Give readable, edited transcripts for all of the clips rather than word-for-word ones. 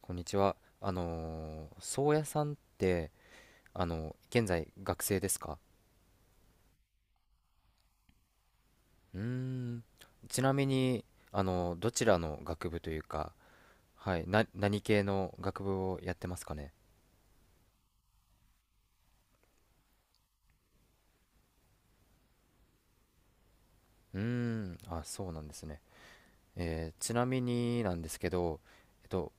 こんにちは。宗谷さんって、現在学生ですか？うーん。ちなみに、どちらの学部というか、はい、何系の学部をやってますかね？うーん。あ、そうなんですね。ちなみになんですけど、えっと、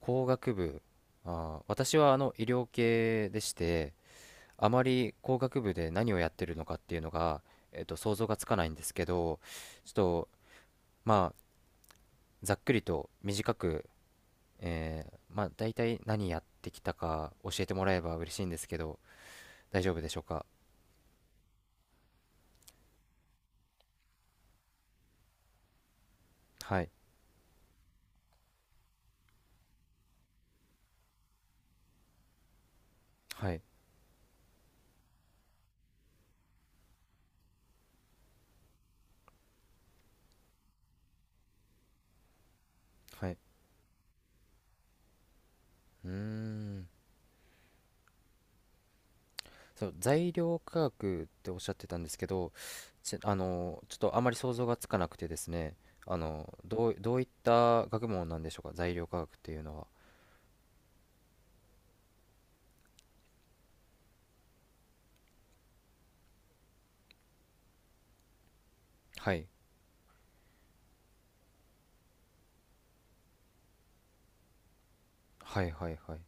工学部、あー、私は医療系でして、あまり工学部で何をやってるのかっていうのが、想像がつかないんですけど、ちょっと、まあ、ざっくりと短く、まあ、大体何やってきたか教えてもらえば嬉しいんですけど、大丈夫でしょうか。はい、はい、はい。うーん。そう、材料価格っておっしゃってたんですけど、あの、ちょっとあまり想像がつかなくてですね、あの、どういった学問なんでしょうか、材料価格っていうのは。はい、はい、はい、はい。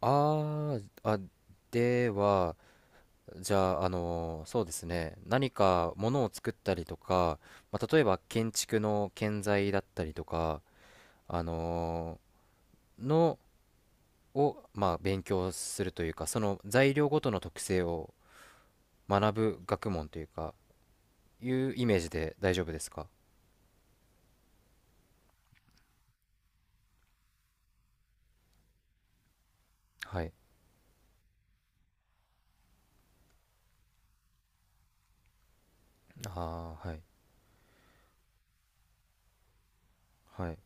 あー、あ、では、じゃあ、そうですね、何かものを作ったりとか、まあ、例えば建築の建材だったりとか、ののを、まあ、勉強するというか、その材料ごとの特性を学ぶ学問というか、いうイメージで大丈夫ですか？はい。ああ、はい。はい。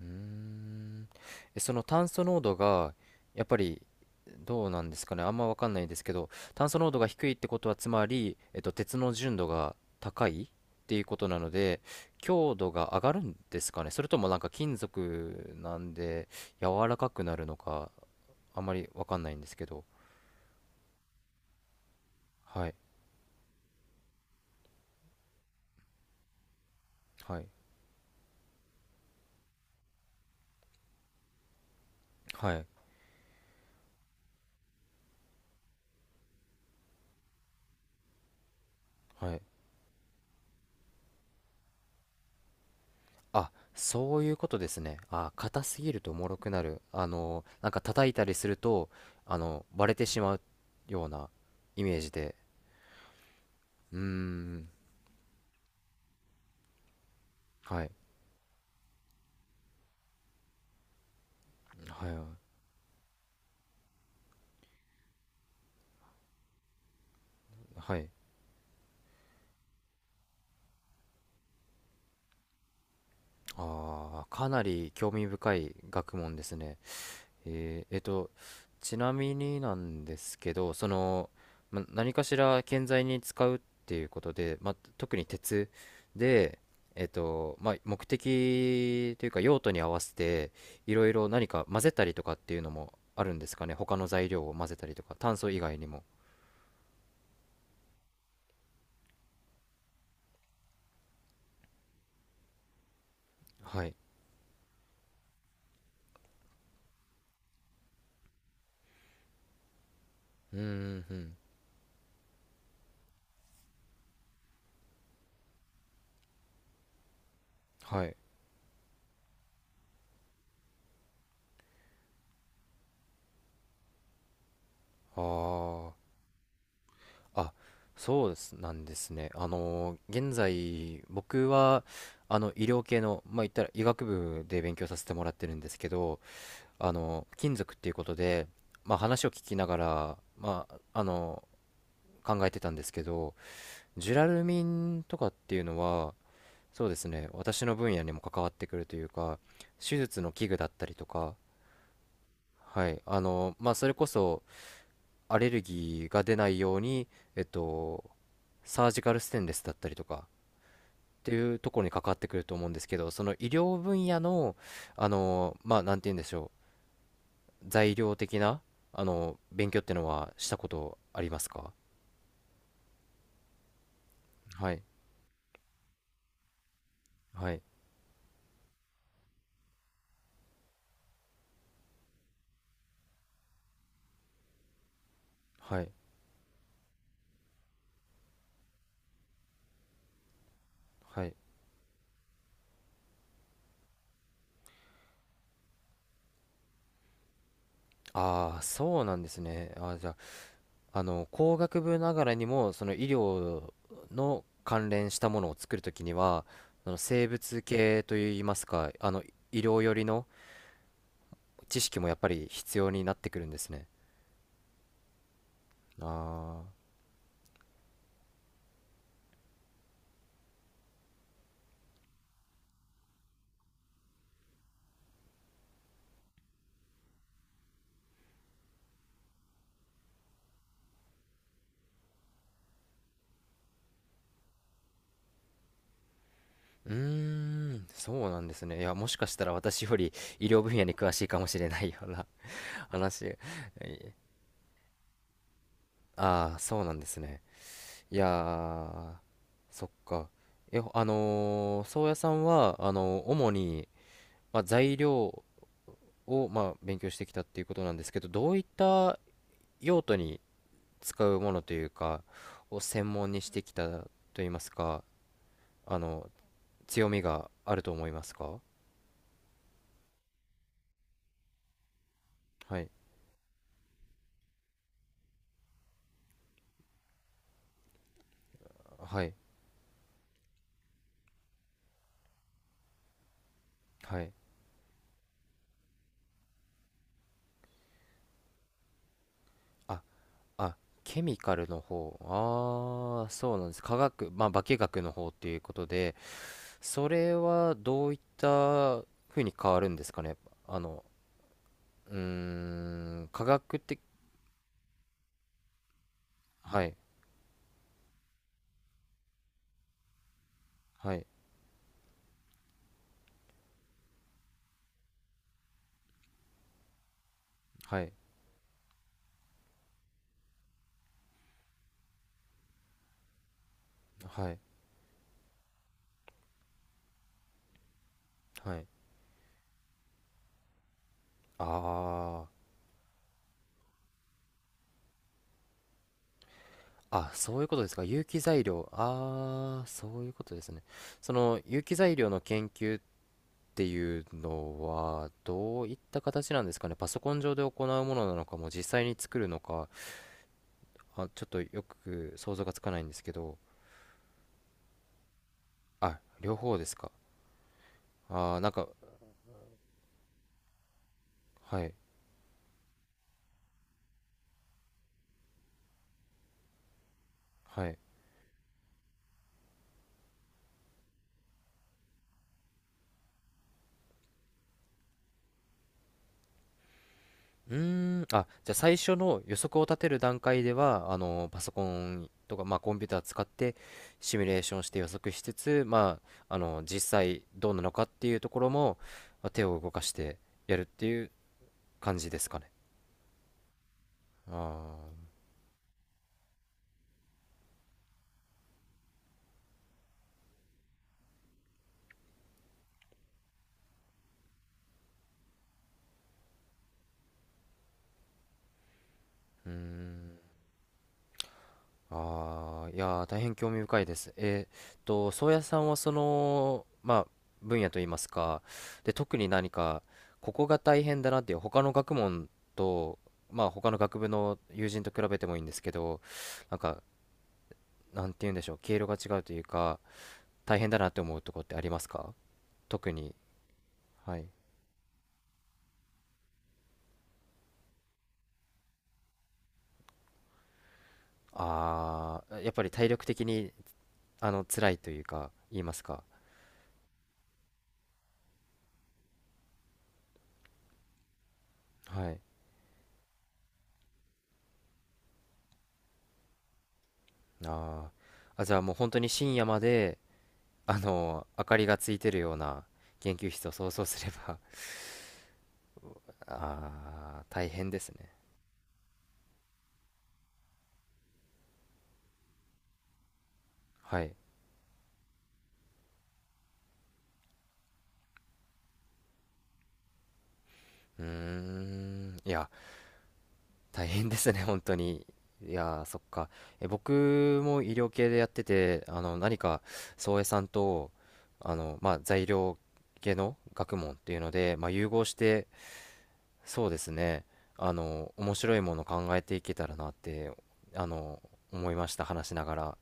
うーん。えその炭素濃度がやっぱりどうなんですかね、あんまわかんないですけど、炭素濃度が低いってことはつまり、鉄の純度が高いっていうことなので強度が上がるんですかね、それともなんか金属なんで柔らかくなるのか、あんまりわかんないんですけど。はい、はい、はい、はい。あ、そういうことですね。あ、硬すぎると脆くなる。あの、なんか叩いたりすると、あの、割れてしまうようなイメージで。うーん、はい、はい、はい。ああ、かなり興味深い学問ですね。えっと、ちなみになんですけど、その、ま、何かしら建材に使うっていうことで、ま、特に鉄で、えっと、ま、目的というか用途に合わせて、いろいろ何か混ぜたりとかっていうのもあるんですかね。他の材料を混ぜたりとか、炭素以外にも。はい。うーん、うん。はい。ああ。あ、そうですなんですね。あの現在、僕は、あの、医療系の、まあ、言ったら医学部で勉強させてもらってるんですけど、あの、金属っていうことで、まあ、話を聞きながら、まあ、あの、考えてたんですけど、ジュラルミンとかっていうのは、そうですね、私の分野にも関わってくるというか、手術の器具だったりとか、はい、あの、まあ、それこそ、アレルギーが出ないように、えっと、サージカルステンレスだったりとか、っていうところに関わってくると思うんですけど、その医療分野の、あの、まあ、なんて言うんでしょう、材料的な、あの、勉強ってのはしたことありますか？はい、はい、はい、はい。ああ、そうなんですね。あー、じゃあ、あの、工学部ながらにも、その医療の関連したものを作るときには、その生物系といいますか、あの、医療寄りの知識もやっぱり必要になってくるんですね。ああ。うーん、そうなんですね。いや、もしかしたら私より医療分野に詳しいかもしれないような 話。ああー、そうなんですね。いやー、そっか。え、宗谷さんは、主に、まあ、材料を、まあ、勉強してきたっていうことなんですけど、どういった用途に使うものというか、を専門にしてきたといいますか、あの、強みがあると思いますか？はい、はい、はい。あ、あ、ケミカルの方。ああ、そうなんです。化学、まあ、化学の方っていうことで、それはどういった風に変わるんですかね。あの、うーん、化学的、はい、はい、はい、はい、はい。ああ、あ、そういうことですか。有機材料。ああ、そういうことですね。その有機材料の研究っていうのは、どういった形なんですかね。パソコン上で行うものなのかも、実際に作るのか。あ、ちょっとよく想像がつかないんですけど、あ、両方ですか。あー、なんか、はい、はい。うーん、あ、じゃあ最初の予測を立てる段階では、あの、パソコンとか、まあ、コンピューター使ってシミュレーションして予測しつつ、まあ、あの、実際どうなのかっていうところも、まあ手を動かしてやるっていう感じですかね。ああ。うーん。ああ、いやー、大変興味深いです。っと、宗谷さんはその、まあ、分野といいますか、で、特に何か、ここが大変だなっていう、他の学問と、まあ、他の学部の友人と比べてもいいんですけど、なんか、なんて言うんでしょう、経路が違うというか、大変だなって思うとこってありますか？特に。はい。ああ、やっぱり体力的に、あの、辛いというか、言いますか。はい。あーあ、じゃあもう本当に深夜まで、あの明かりがついてるような研究室を想像すれば。 あー大変ですね。はい。うーん、いや、大変ですね、本当に。いやー、そっか。え、僕も医療系でやってて、あの何か、宗江さんと、あの、まあ、材料系の学問っていうので、まあ、融合して、そうですね、あの面白いものを考えていけたらなって、あの思いました、話しながら。